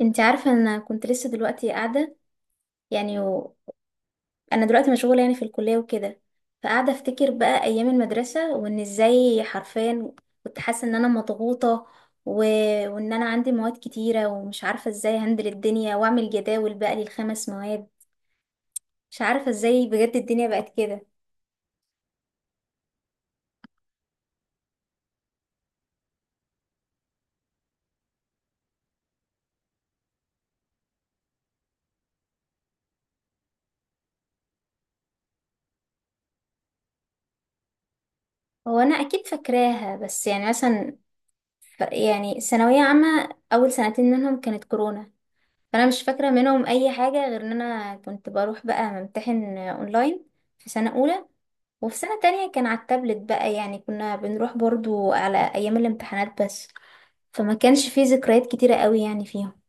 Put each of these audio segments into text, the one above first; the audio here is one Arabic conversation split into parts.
انت عارفة انا كنت لسه دلوقتي قاعدة يعني انا دلوقتي مشغولة يعني في الكلية وكده، فقاعدة افتكر بقى ايام المدرسة، وان ازاي حرفيا كنت حاسة ان انا مضغوطة و... وان انا عندي مواد كتيرة ومش عارفة ازاي هندل الدنيا واعمل جداول بقى للخمس مواد. مش عارفة ازاي بجد الدنيا بقت كده. هو انا اكيد فاكراها، بس يعني مثلا يعني ثانوية عامة اول سنتين منهم كانت كورونا، فانا مش فاكره منهم اي حاجه غير ان انا كنت بروح بقى ممتحن اونلاين في سنه اولى، وفي سنه تانية كان على التابلت بقى، يعني كنا بنروح برضو على ايام الامتحانات بس. فما كانش فيه ذكريات كتيره قوي يعني فيهم.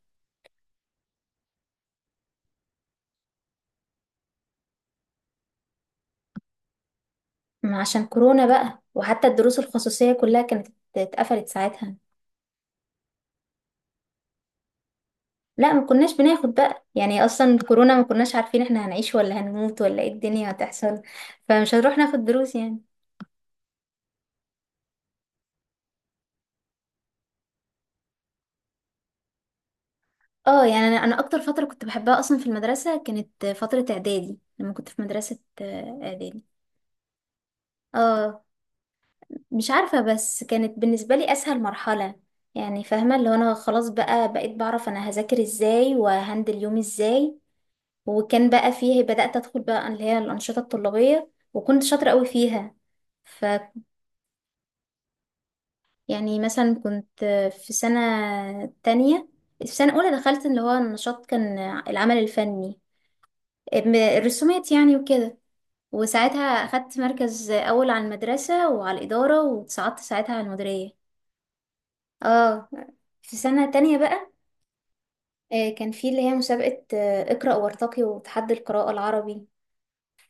ما عشان كورونا بقى، وحتى الدروس الخصوصيه كلها كانت اتقفلت ساعتها. لا، ما كناش بناخد بقى، يعني اصلا كورونا ما كناش عارفين احنا هنعيش ولا هنموت ولا ايه الدنيا هتحصل، فمش هنروح ناخد دروس يعني. اه، يعني انا اكتر فتره كنت بحبها اصلا في المدرسه كانت فتره اعدادي، لما كنت في مدرسه اعدادي. اه، مش عارفه، بس كانت بالنسبه لي اسهل مرحله، يعني فاهمه اللي هو انا خلاص بقى بقيت بعرف انا هذاكر ازاي وهندل يومي ازاي. وكان بقى فيه، بدات ادخل بقى اللي هي الانشطه الطلابيه وكنت شاطره قوي فيها. ف يعني مثلا كنت في سنه تانية في سنه اولى دخلت اللي هو النشاط، كان العمل الفني، الرسومات يعني وكده، وساعتها أخدت مركز أول على المدرسة وعلى الإدارة، واتصعدت ساعتها على المديرية. اه، في سنة تانية بقى كان في اللي هي مسابقة اقرأ وارتقي، وتحدي القراءة العربي،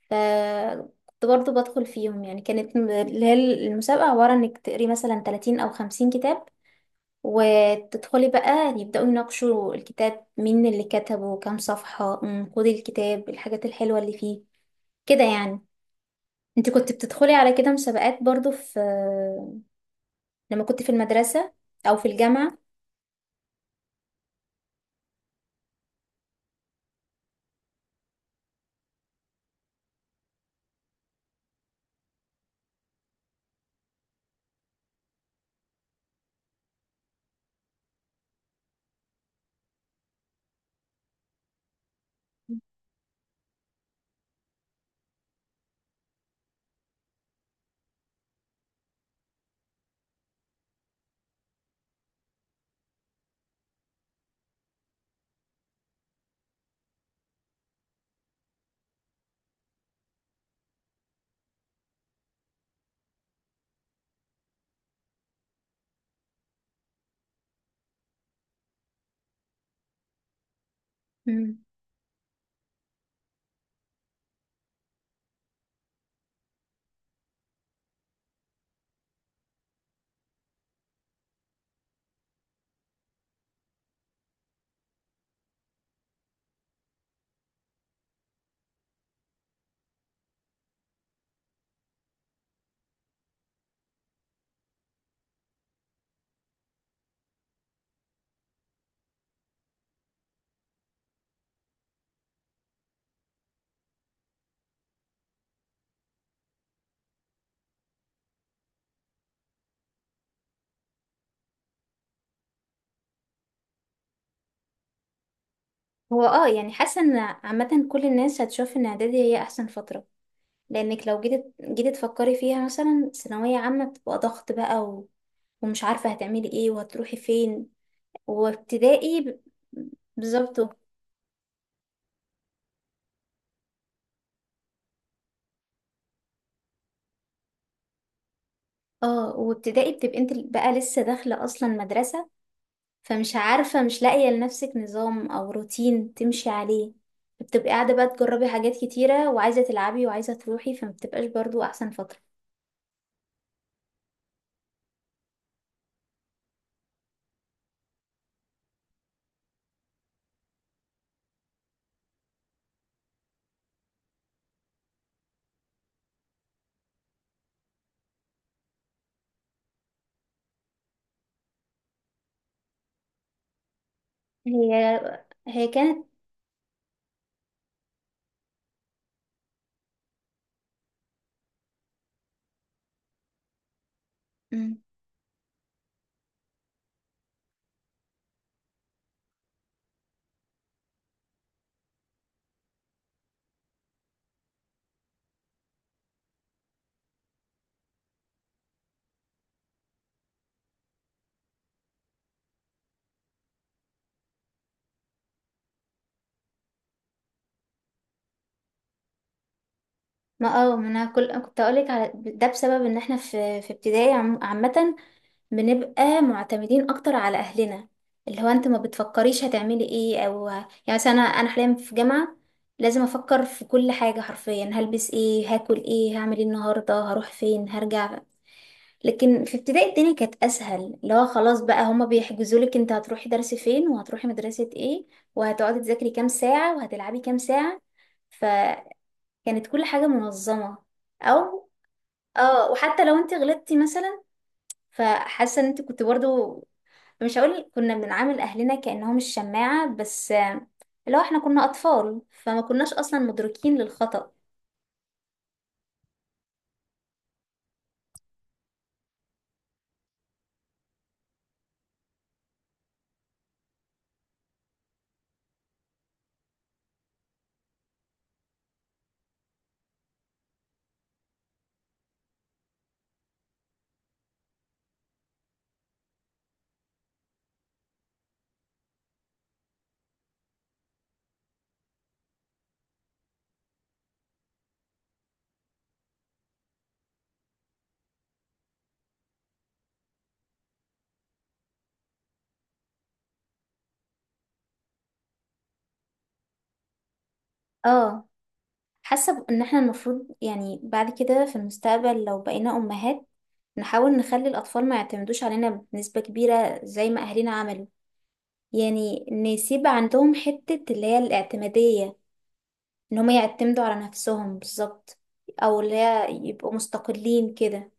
فكنت برضو بدخل فيهم، يعني كانت اللي هي المسابقة عبارة إنك تقري مثلا 30 أو 50 كتاب، وتدخلي بقى يبدأوا يناقشوا الكتاب، مين اللي كتبه، كام صفحة، نقود الكتاب، الحاجات الحلوة اللي فيه كده يعني. انت كنت بتدخلي على كده مسابقات برضو لما كنت في المدرسة أو في الجامعة؟ مم. هو يعني حاسة ان عامة كل الناس هتشوف ان اعدادي هي احسن فترة، لانك لو جيت تفكري فيها، مثلا ثانوية عامة بتبقى ضغط بقى ومش عارفة هتعملي ايه وهتروحي فين، وابتدائي بالظبط. اه، وابتدائي بتبقي انت بقى لسه داخلة اصلا مدرسة، فمش عارفة، مش لاقية لنفسك نظام او روتين تمشي عليه، بتبقي قاعدة بقى تجربي حاجات كتيرة وعايزة تلعبي وعايزة تروحي، فمبتبقاش برضو احسن فترة. هي هي كانت. مم. ما اه ما انا كنت اقولك على ده بسبب ان احنا في ابتدائي عامة بنبقى معتمدين اكتر على اهلنا، اللي هو انت ما بتفكريش هتعملي ايه او يعني مثلا انا حاليا في جامعة لازم افكر في كل حاجة حرفيا، هلبس ايه، هاكل ايه، هعمل ايه النهاردة، هروح فين، هرجع. لكن في ابتدائي الدنيا كانت اسهل، اللي هو خلاص بقى، هما بيحجزوا لك انت هتروحي درس فين وهتروحي مدرسة ايه، وهتقعدي تذاكري كام ساعة وهتلعبي كام ساعة. فكانت كل حاجة منظمة. او اه وحتى لو انت غلطتي مثلا، فحاسة ان انت كنت برضو، مش هقول كنا بنعامل اهلنا كأنهم الشماعة، بس لو احنا كنا اطفال فما كناش اصلا مدركين للخطأ. اه، حاسة ان احنا المفروض يعني بعد كده في المستقبل لو بقينا امهات، نحاول نخلي الاطفال ما يعتمدوش علينا بنسبة كبيرة زي ما اهلنا عملوا، يعني نسيب عندهم حتة اللي هي الاعتمادية، ان هم يعتمدوا على نفسهم بالظبط، او اللي هي يبقوا مستقلين كده.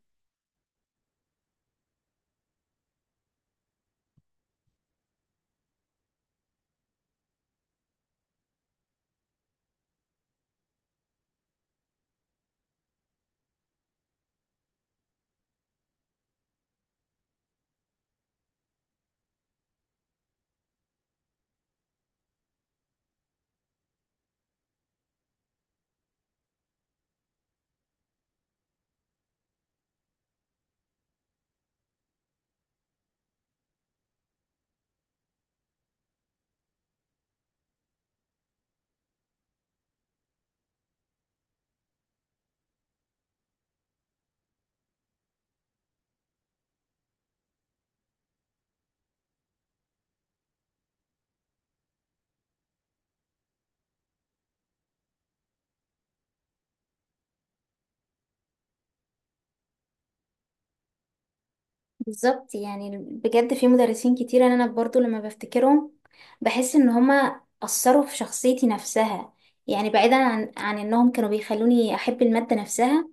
بالظبط، يعني بجد في مدرسين كتير انا برضو لما بفتكرهم بحس ان هما اثروا في شخصيتي نفسها، يعني بعيدا عن انهم كانوا بيخلوني احب المادة نفسها،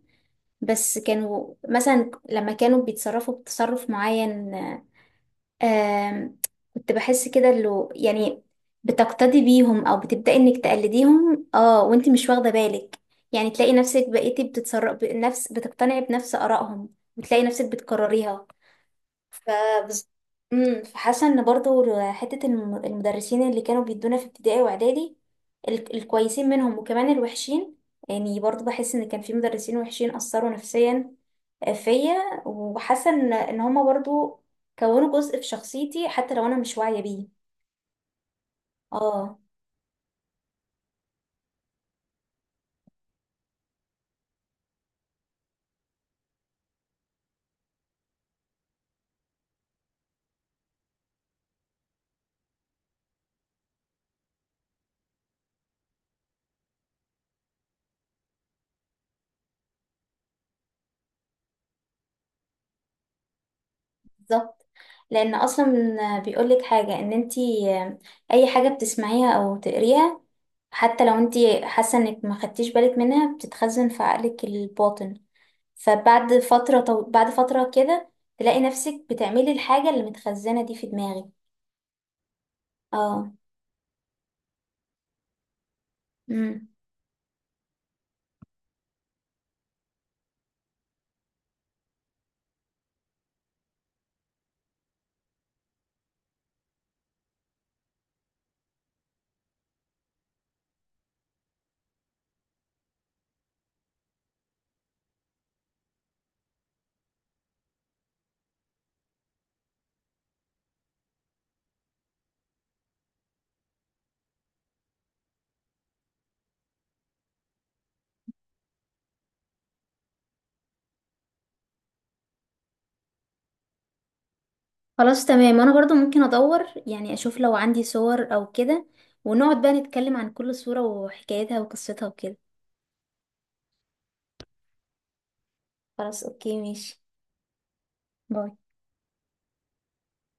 بس كانوا مثلا لما كانوا بيتصرفوا بتصرف معين، آم، كنت بحس كده اللي يعني بتقتدي بيهم او بتبدأي انك تقلديهم وانتي مش واخده بالك، يعني تلاقي نفسك بقيتي بتتصرف بنفس، بتقتنعي بنفس آرائهم، وتلاقي نفسك بتكرريها. ف فحاسه ان برضو حته المدرسين اللي كانوا بيدونا في ابتدائي واعدادي، الكويسين منهم وكمان الوحشين، يعني برضو بحس ان كان في مدرسين وحشين اثروا نفسيا فيا، وحاسه ان هما برضو كونوا جزء في شخصيتي حتى لو انا مش واعيه بيه. اه، بالظبط. لان اصلا بيقولك حاجه، ان انتي اي حاجه بتسمعيها او تقريها حتى لو انتي حاسه انك ما خدتيش بالك منها، بتتخزن في عقلك الباطن. بعد فترة كده تلاقي نفسك بتعملي الحاجة اللي متخزنة دي في دماغك. اه، امم خلاص تمام، انا برضو ممكن ادور يعني اشوف لو عندي صور او كده، ونقعد بقى نتكلم عن كل صورة وحكايتها وقصتها وكده. خلاص، اوكي، ماشي. باي.